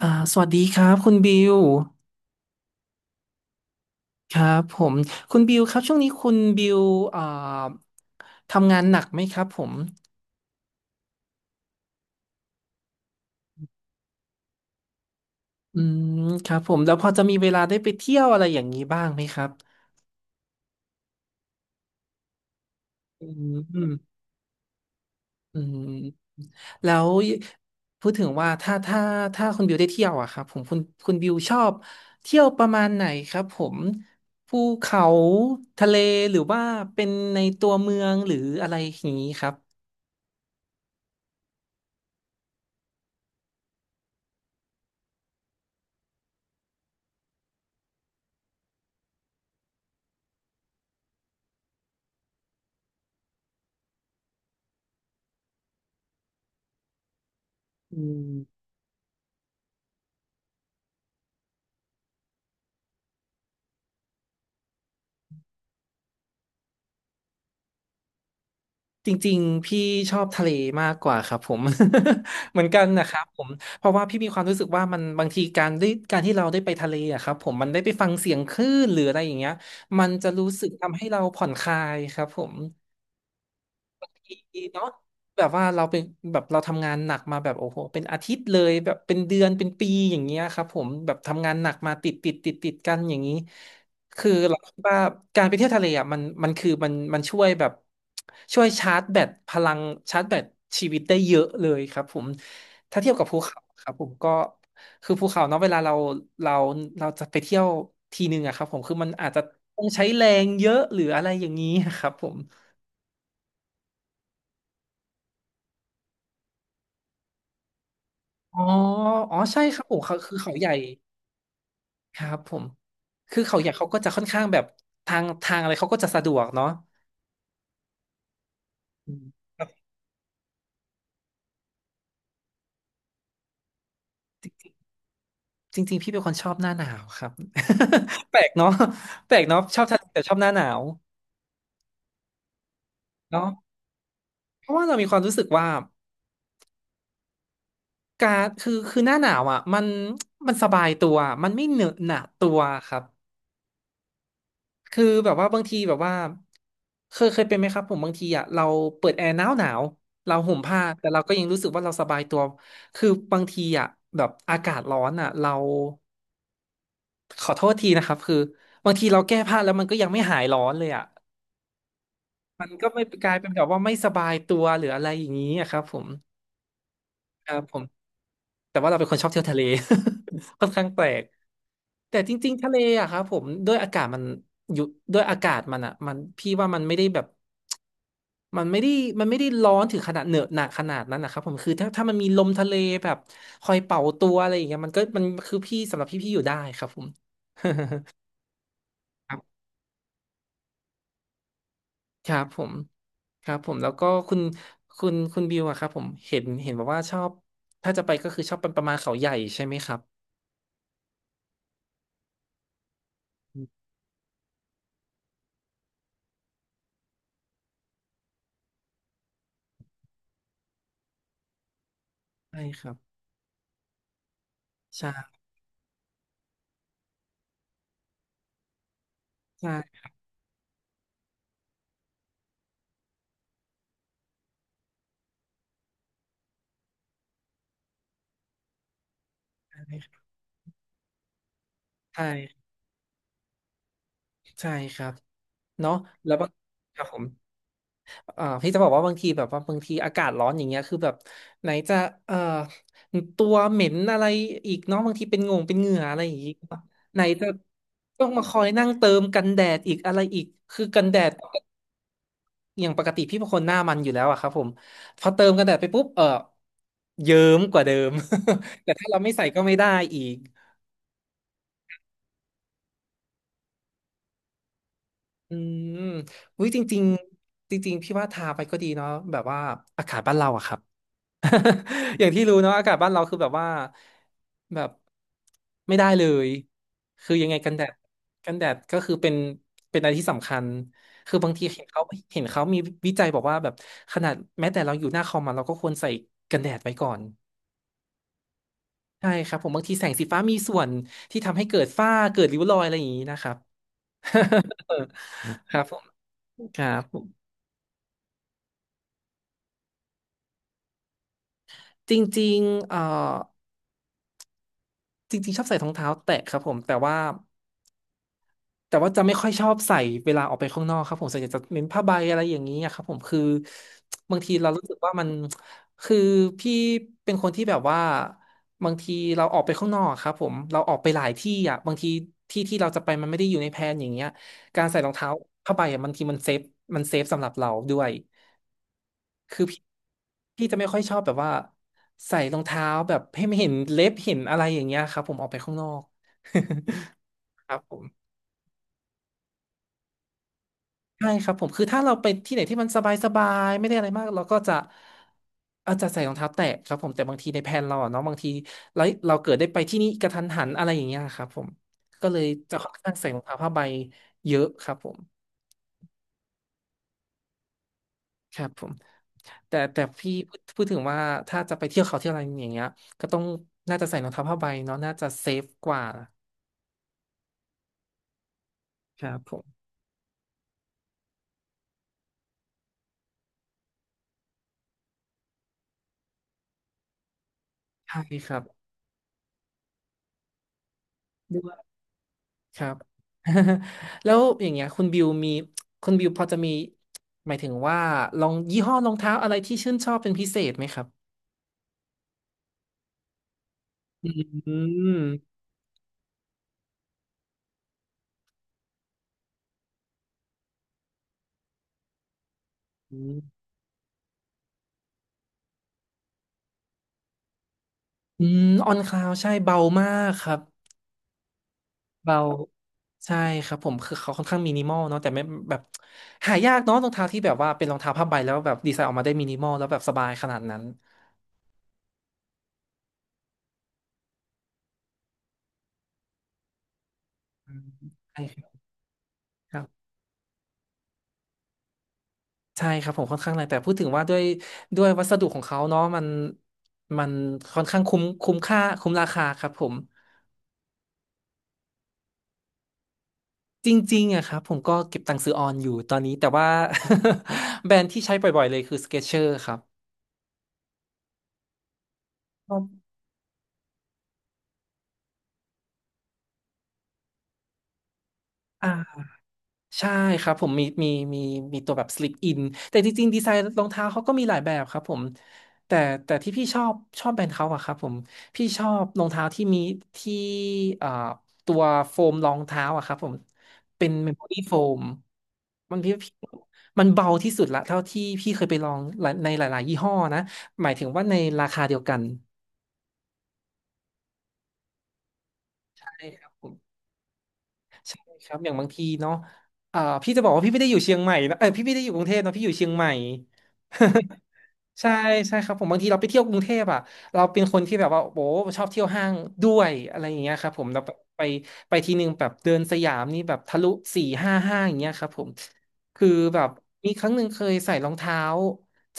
อ่าสวัสดีครับคุณบิวครับผมคุณบิวครับช่วงนี้คุณบิวอ่าทำงานหนักไหมครับผมอืมครับผมแล้วพอจะมีเวลาได้ไปเที่ยวอะไรอย่างนี้บ้างไหมครับอืมอืมอืมแล้วพูดถึงว่าถ้าคุณบิวได้เที่ยวอะครับผมคุณบิวชอบเที่ยวประมาณไหนครับผมภูเขาทะเลหรือว่าเป็นในตัวเมืองหรืออะไรอย่างนี้ครับอืม จริงๆพี่ชอบทะเลมากกว่าครับผม เหมือนกันนะครับผมเพราะว่าพี่มีความรู้สึกว่ามันบางทีการที่เราได้ไปทะเลอะครับผมมันได้ไปฟังเสียงคลื่นหรืออะไรอย่างเงี้ยมันจะรู้สึกทำให้เราผ่อนคลายครับผม เนาะแบบว่าเราเป็นแบบเราทำงานหนักมาแบบโอ้โหเป็นอาทิตย์เลยแบบเป็นเดือนเป็นปีอย่างเงี้ยครับผมแบบทำงานหนักมาติดกันอย่างนี้คือเราคิดว่าการไปเที่ยวทะเลอ่ะมันมันคือมันมันช่วยแบบช่วยชาร์จแบตพลังชาร์จแบตชีวิตได้เยอะเลยครับผมถ้าเทียบกับภูเขาครับผมก็คือภูเขาเนาะเวลาเราเราจะไปเที่ยวทีนึงอะครับผมคือมันอาจจะต้องใช้แรงเยอะหรืออะไรอย่างนี้ครับผม อ๋ออ๋อใช่ครับผมเขาใหญ่ครับผมคือเขาใหญ่เขาก็จะค่อนข้างแบบทางอะไรเขาก็จะสะดวกเนาะอืมครับจริงๆพี่เป็นคนชอบหน้าหนาวครับ แปลกเนาะแปลกเนาะชอบทะเลแต่ชอบหน้าหนาวเนาะเพราะว่าเรามีความรู้สึกว่าการคือคือหน้าหนาวอ่ะมันสบายตัวมันไม่เหนอะหนะตัวครับ คือแบบว่าบางทีแบบว่าเคยเป็นไหมครับผมบางทีอ่ะเราเปิดแอร์หนาวเราห่มผ้าแต่เราก็ยังรู้สึกว่าเราสบายตัวคือบางทีอ่ะแบบอากาศร้อนอ่ะเราขอโทษทีนะครับคือบางทีเราแก้ผ้าแล้วมันก็ยังไม่หายร้อนเลยอ่ะมันก็ไม่กลายเป็นแบบว่าไม่สบายตัวหรืออะไรอย่างนี้อะครับผมครับผมแต่ว่าเราเป็นคนชอบเที่ยวทะเล ค่อนข้างแปลก แต่จริงๆทะเลอะครับผมด้วยอากาศมันอยู่ด้วยอากาศมันอะมันพี่ว่ามันไม่ได้แบบมันไม่ได้มันไม่ได้ร้อนถึงขนาดเหนอะหนักขนาดนั้นนะครับผมคือถ้ามันมีลมทะเลแบบคอยเป่าตัวอะไรอย่างเงี้ยมันก็มันคือสำหรับพี่พี่อยู่ได้ครับผม ครับครับผมครับผมแล้วก็คุณบิวอะครับผมเห็นบอกว่าชอบถ้าจะไปก็คือชอบเป็นประมาณเขาใหญ่ใช่ไหมครับอืมใช่ครับใช่ใช่ใช่ใช่ครับ เนาะแล้วบางครับผมพี่จะบอกว่าบางทีแบบว่าบางทีอากาศร้อนอย่างเงี้ยคือแบบไหนจะเอ่อตัวเหม็นอะไรอีกเนาะบางทีเป็นงงเป็นเหงื่ออะไรอย่างงี้ไหนจะต้องมาคอยนั่งเติมกันแดดอีกอะไรอีกคือกันแดดอย่างปกติพี่เป็นคนหน้ามันอยู่แล้วอะครับผมพอเติมกันแดดไปปุ๊บเออเยิ้มกว่าเดิม แต่ถ้าเราไม่ใส่ก็ไม่ได้อีกอืมอุ้ยจริงๆจริงๆพี่ว่าทาไปก็ดีเนาะแบบว่าอากาศบ้านเราอะครับ อย่างที่รู้เนาะอากาศบ้านเราคือแบบว่าแบบไม่ได้เลยคือยังไงกันแดดก็คือเป็นอะไรที่สำคัญคือบางทีเห็นเขามีวิจัยบอกว่าแบบขนาดแม้แต่เราอยู่หน้าคอมอะเราก็ควรใส่กันแดดไว้ก่อนใช่ครับผมบางทีแสงสีฟ้ามีส่วนที่ทำให้เกิดฝ้าเกิดริ้วรอยอะไรอย่างนี้นะครับ ครับผมครับผมจริงๆเอ่อจริงๆชอบใส่รองเท้าแตะครับผมแต่ว่า แต่ว่าจะไม่ค่อยชอบใส่เวลาออกไปข้างนอกครับผมส่วนใหญ่จะเน้นผ้าใบอะไรอย่างนี้อะครับผมคือบางทีเรารู้สึกว่ามันคือพี่เป็นคนที่แบบว่าบางทีเราออกไปข้างนอกอะครับผมเราออกไปหลายที่อ่ะบางทีที่ที่เราจะไปมันไม่ได้อยู่ในแพลนอย่างเงี้ยการใส่รองเท้าผ้าใบอะบางทีมันเซฟมันเซฟสำหรับเราด้วยคือพี่จะไม่ค่อยชอบแบบว่าใส่รองเท้าแบบให้ไม่เห็นเล็บเห็นอะไรอย่างเงี้ยครับผมออกไปข้างนอก ครับผม ใช่ครับผมคือถ้าเราไปที่ไหนที่มันสบายๆไม่ได้อะไรมากเราก็จะใส่รองเท้าแตะครับผมแต่บางทีในแผนเราอะเนาะบางทีเราเราเกิดได้ไปที่นี่กระทันหันอะไรอย่างเงี้ยครับผมก็เลยจะค่อนข้างใส่รองเท้าผ้าใบเยอะครับผมครับผมแต่พี่พูดถึงว่าถ้าจะไปเที่ยวเขาเที่ยวอะไรอย่างเงี้ยก็ต้องน่าจะใส่รองเท้าผ้าใบเนาะน่าจะเซฟกว่าครับผมใช่ครับ ครับ แล้วอย่างเงี้ยคุณบิวมีคุณบิวพอจะมีหมายถึงว่าลองยี่ห้อรองเท้าอะไรที่ชื่นชอบเป็นพิเศษไหมครับอืมอืมอืมออนคลาวใช่เบามากครับเบาใช่ครับผมคือเขาค่อนข้างมินิมอลเนาะแต่ไม่แบบหายากเนาะรองเท้าที่แบบว่าเป็นรองเท้าผ้าใบแล้วแบบดีไซน์ออกมาได้มินิมอลแล้วแบบสบายขนาดนั้นอืมใช่ครับ ใช่ครับผมค่อนข้างแรงแต่พูดถึงว่าด้วยวัสดุของเขาเนาะมันค่อนข้างคุ้มค่าคุ้มราคาครับผมจริงๆอะครับผมก็เก็บตังค์ซื้อออนอยู่ตอนนี้แต่ว่า แบรนด์ที่ใช้บ่อยๆเลยคือ Skechers ครับอ่า ใช่ครับผมมีมีตัวแบบ slip in แต่จริงๆดีไซน์รองเท้าเขาก็มีหลายแบบครับผมแต่แต่ที่พี่ชอบชอบแบรนด์เขาอะครับผมพี่ชอบรองเท้าที่มีที่เอ่อตัวโฟมรองเท้าอะครับผมเป็นเมมโมรี่โฟมันพี่มันเบาที่สุดละเท่าที่พี่เคยไปลองหลายในหลายๆยี่ห้อนะหมายถึงว่าในราคาเดียวกันใช่ครับผมใช่ครับอย่างบางทีเนาะอ่าพี่จะบอกว่าพี่ไม่ได้อยู่เชียงใหม่นะเออพี่ไม่ได้อยู่กรุงเทพนะพี่อยู่เชียงใหม่ ใช่ใช่ครับผมบางทีเราไปเที่ยวกรุงเทพอ่ะเราเป็นคนที่แบบว่าโอ้ชอบเที่ยวห้างด้วยอะไรอย่างเงี้ยครับผมเราแบบไปทีนึงแบบเดินสยามนี่แบบทะลุสี่ห้าห้างอย่างเงี้ยครับผมคือแบบมีครั้งหนึ่งเคยใส่รองเท้า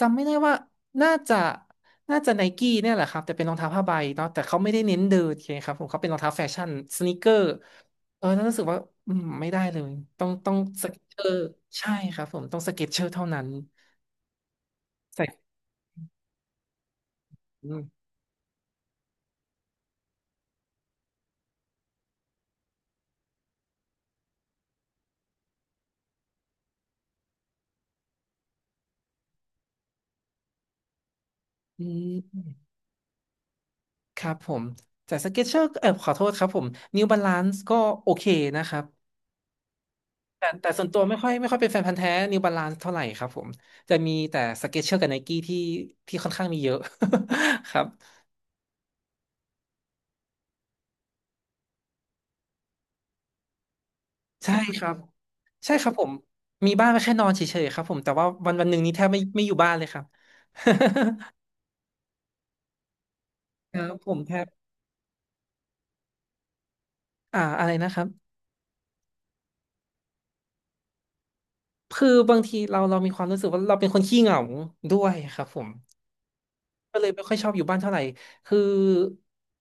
จำไม่ได้ว่าน่าจะน่าจะไนกี้เนี่ยแหละครับแต่เป็นรองเท้าผ้าใบเนาะแต่เขาไม่ได้เน้นเดินโอเคครับผมเขาเป็นรองเท้าแฟชั่นสนีกเกอร์เออแล้วรู้สึกว่าอืมไม่ได้เลยต้องสเก็ตเชอร์ใช่ครับผมต้องสเก็ตเชอร์เท่านั้นใส่อืม ครับผมแต่สเก็ตเชอร์เออขอโทษครับผมนิวบาลานซ์ก็โอเคนะครับแต่ส่วนตัวไม่ค่อยเป็นแฟนพันธุ์แท้นิวบาลานซ์เท่าไหร่ครับผมจะมีแต่สเก็ตเชอร์กับไนกี้ที่ที่ค่อนข้างมีเยอะ ครับใช่ครับใช่ครับผมมีบ้านไว้แค่นอนเฉยๆครับผมแต่ว่าวันวันหนึ่งนี้แทบไม่อยู่บ้านเลยครับ ครับผมแทบอ่าอะไรนะครับคือบางทีเรามีความรู้สึกว่าเราเป็นคนขี้เหงาด้วยครับผม ก็เลยไม่ค่อยชอบอยู่บ้านเท่าไหร่ คือ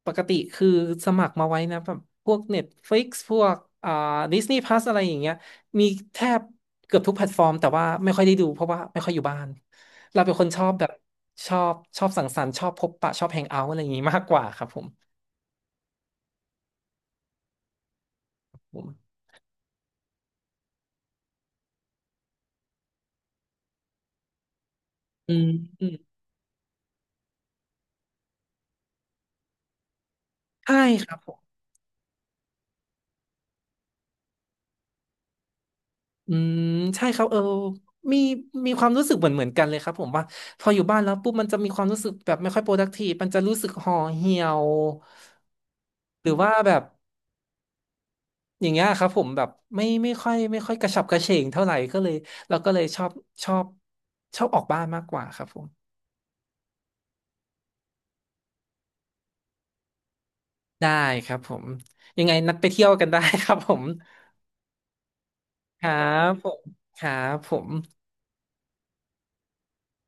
ปกติคือสมัครมาไว้นะแบบพวก Netflix พวกอ่า Disney Plus อะไรอย่างเงี้ยมีแทบเกือบทุกแพลตฟอร์มแต่ว่าไม่ค่อยได้ดูเพราะว่าไม่ค่อยอยู่บ้านเราเป็นคนชอบแบบชอบสังสรรค์ชอบพบปะชอบแฮงเอาท์อะไรอย่างงี้มากกว่าครับผมผมอืมอืมใช่ครับผม อืมใช่ครับเออมีมีความรู้สึกเหมือนกันเลยครับผมว่าพออยู่บ้านแล้วปุ๊บมันจะมีความรู้สึกแบบไม่ค่อย productive มันจะรู้สึกห่อเหี่ยวหรือว่าแบบอย่างเงี้ยครับผมแบบไม่ค่อยกระฉับกระเฉงเท่าไหร่ก็เลยเราก็เลยชอบชอบออกบ้านมากกว่าครับผมได้ครับผมยังไงนัดไปเที่ยวกันได้ครับผมครับผมครับผม